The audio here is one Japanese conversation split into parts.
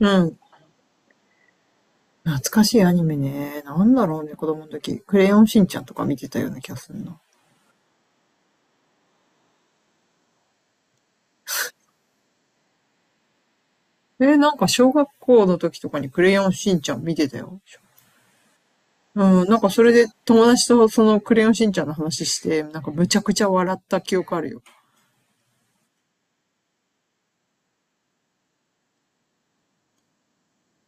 うん。懐かしいアニメね。なんだろうね、子供の時。クレヨンしんちゃんとか見てたような気がするな。なんか小学校の時とかにクレヨンしんちゃん見てたよ。うん、なんかそれで友達とそのクレヨンしんちゃんの話して、なんかむちゃくちゃ笑った記憶あるよ。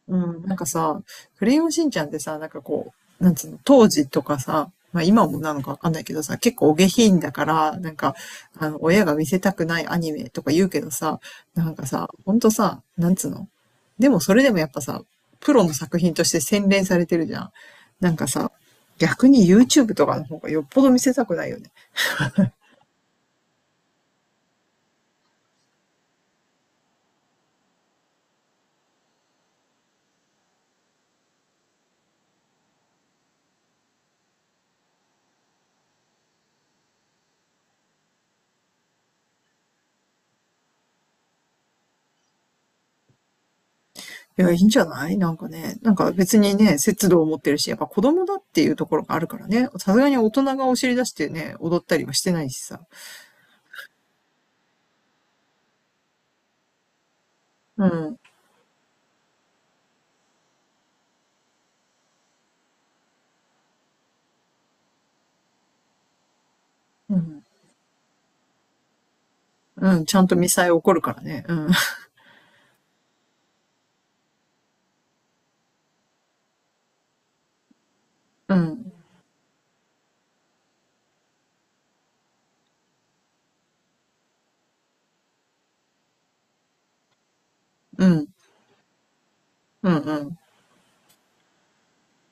うん、なんかさ、クレヨンしんちゃんってさ、なんかこう、なんつうの、当時とかさ、まあ今もなのかわかんないけどさ、結構お下品だから、なんか、あの、親が見せたくないアニメとか言うけどさ、なんかさ、ほんとさ、なんつうの。でもそれでもやっぱさ、プロの作品として洗練されてるじゃん。なんかさ、逆に YouTube とかの方がよっぽど見せたくないよね。いや、いいんじゃないなんかね、なんか別にね、節度を持ってるし、やっぱ子供だっていうところがあるからね、さすがに大人がお尻出してね、踊ったりはしてないしさ。うん、うん、うん、ちゃんとミサイ起こるからね。うん、うん、うん、うん、うん。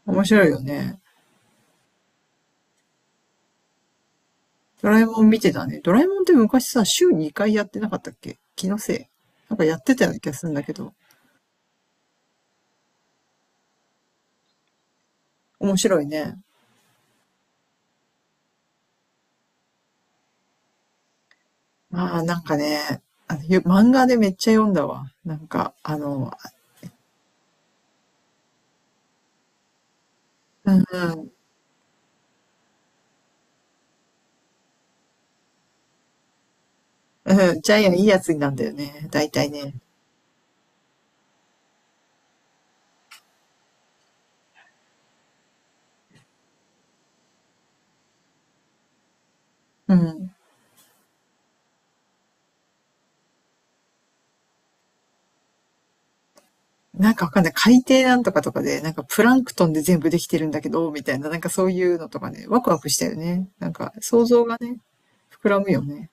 面白いよね。ドラえもん見てたね。ドラえもんって昔さ、週2回やってなかったっけ気のせい。なんかやってたような気がするんだけど。面白いね。まあ、なんかね、あのゆ漫画でめっちゃ読んだわ。なんか、あの、うんうん、うん、ジャイアンいいやつなんだよね。大体ね。うん。なんかわかんない。海底なんとかとかで、なんかプランクトンで全部できてるんだけど、みたいな、なんかそういうのとかね、ワクワクしたよね。なんか想像がね、膨らむよね。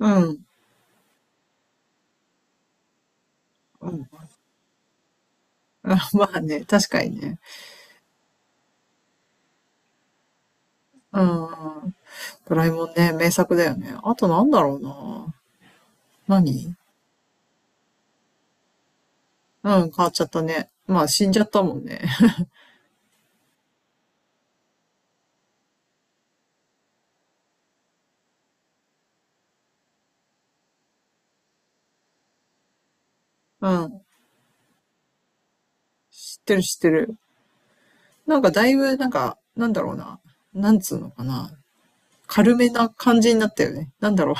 うん。うん。あまあね、確かにね。うん。ドラえもんね、名作だよね。あとなんだろうな。何うん、変わっちゃったね。まあ死んじゃったもんね。うん。知ってる知ってる。なんかだいぶ、なんか、なんだろうな。なんつうのかな。軽めな感じになったよね。なんだろ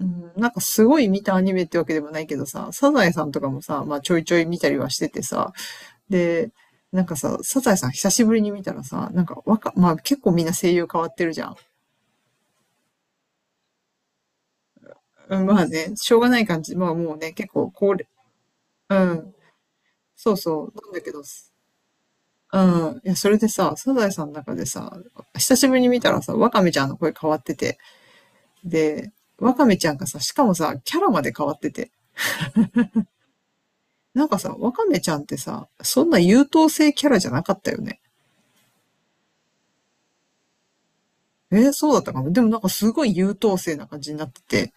う、うん。なんかすごい見たアニメってわけでもないけどさ、サザエさんとかもさ、まあちょいちょい見たりはしててさ、で、なんかさ、サザエさん久しぶりに見たらさ、なんか若、まあ結構みんな声優変わってるじゃん。うん、まあね、しょうがない感じ。まあもうね、結構高齢、うん、そうそう、なんだけど、うん、いや、それでさ、サザエさんの中でさ、久しぶりに見たらさ、ワカメちゃんの声変わってて、で、ワカメちゃんがさ、しかもさ、キャラまで変わってて、なんかさ、ワカメちゃんってさ、そんな優等生キャラじゃなかったよね。そうだったかも。でもなんかすごい優等生な感じになってて、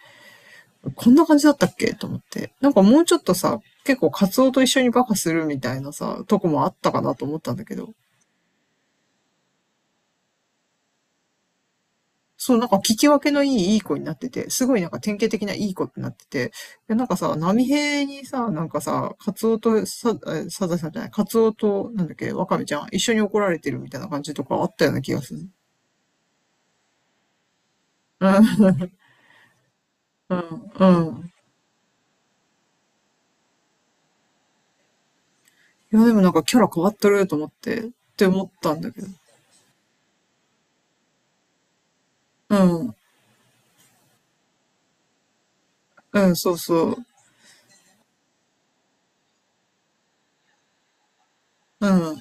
こんな感じだったっけと思って。なんかもうちょっとさ、結構カツオと一緒にバカするみたいなさ、とこもあったかなと思ったんだけど、そうなんか聞き分けのいいいい子になってて、すごいなんか典型的ないい子ってなってて、なんかさ、波平にさ、なんかさ、カツオとさ、サザさんじゃない、カツオと、なんだっけ、ワカメちゃん、一緒に怒られてるみたいな感じとかあったような気がする。うん、うん、うん。いや、でもなんかキャラ変わってると思って、って思ったんだけど。うん。うん、そうそう。うん。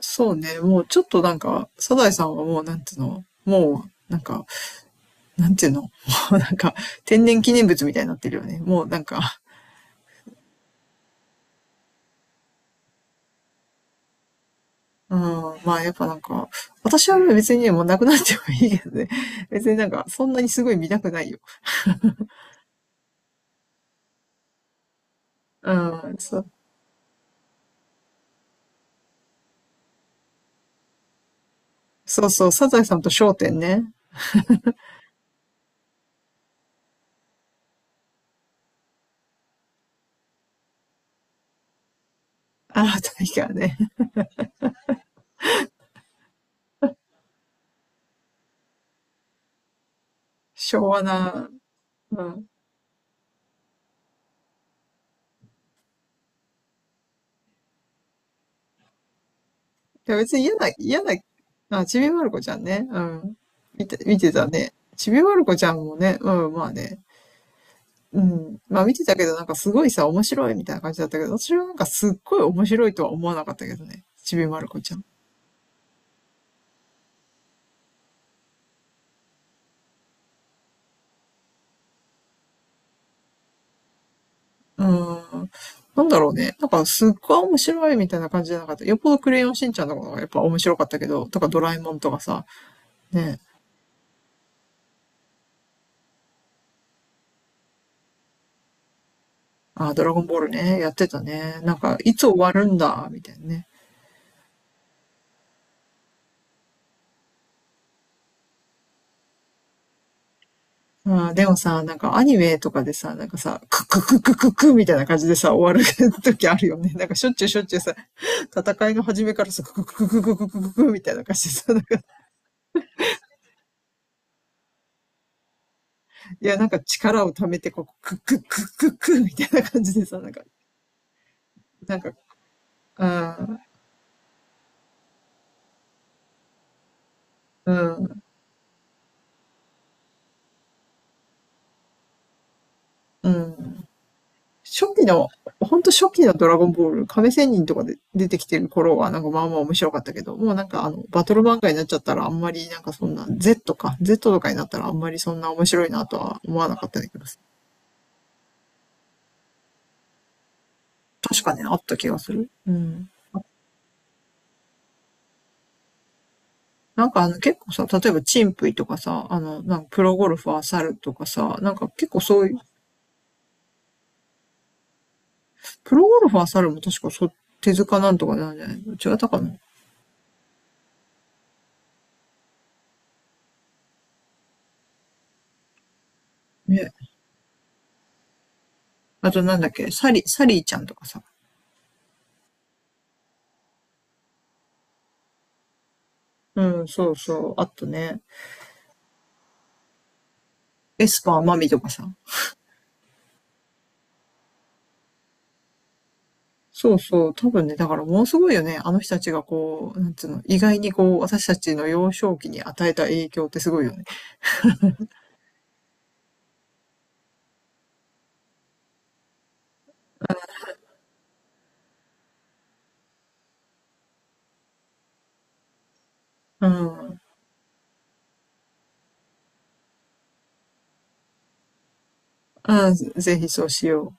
そうね。もうちょっとなんか、サザエさんはもうなんていうのもう、なんか、なんていうの もうなんか、天然記念物みたいになってるよね。もうなんか、うん。まあやっぱなんか、私は別にね、もうなくなってもいいけどね。別になんか、そんなにすごい見たくないよ。うん。そう、そうそう。サザエさんと笑点ね。ああ、確かね。昭和な、うん。や、別に嫌な、嫌な、あ、ちびまる子ちゃんね。うん。見て、見てたね。ちびまる子ちゃんもね、うん、まあね。うん。まあ見てたけど、なんかすごいさ、面白いみたいな感じだったけど、私はなんかすっごい面白いとは思わなかったけどね。ちびまる子ちゃん。うん。なんだろうね。なんかすっごい面白いみたいな感じじゃなかった。よっぽどクレヨンしんちゃんのことかがやっぱ面白かったけど、とかドラえもんとかさ、ね。あ、ドラゴンボールね、やってたね。なんか、いつ終わるんだ、みたいなね。うん、でもさ、なんかアニメとかでさ、なんかさ、ククククククみたいな感じでさ、終わる時あるよね。なんかしょっちゅうしょっちゅうさ、戦いの始めからさ、クククククククククみたいな感じでさ、なんか、いや、なんか力を貯めて、こう、ククククククみたいな感じでさ、なんか、なんか、うん、うん、うん。初期の、ほんと初期のドラゴンボール、亀仙人とかで出てきてる頃はなんかまあまあ面白かったけど、もうなんかあの、バトル漫画になっちゃったらあんまりなんかそんな、Z か、Z とかになったらあんまりそんな面白いなとは思わなかったんだけど、確かね、あった気がする。うん。なんかあの結構さ、例えばチンプイとかさ、あの、なんかプロゴルファー猿とかさ、なんか結構そういう、プロゴルファー猿も確かそ、手塚なんとかなんじゃないの違ったかなね。あとなんだっけ、サリ、サリーちゃんとかさ。うん、そうそう、あったね。エスパーマミとかさ。そうそう。多分ね、だからものすごいよね。あの人たちがこう、なんつうの、意外にこう、私たちの幼少期に与えた影響ってすごいよね。うん。あぜひそうしよう。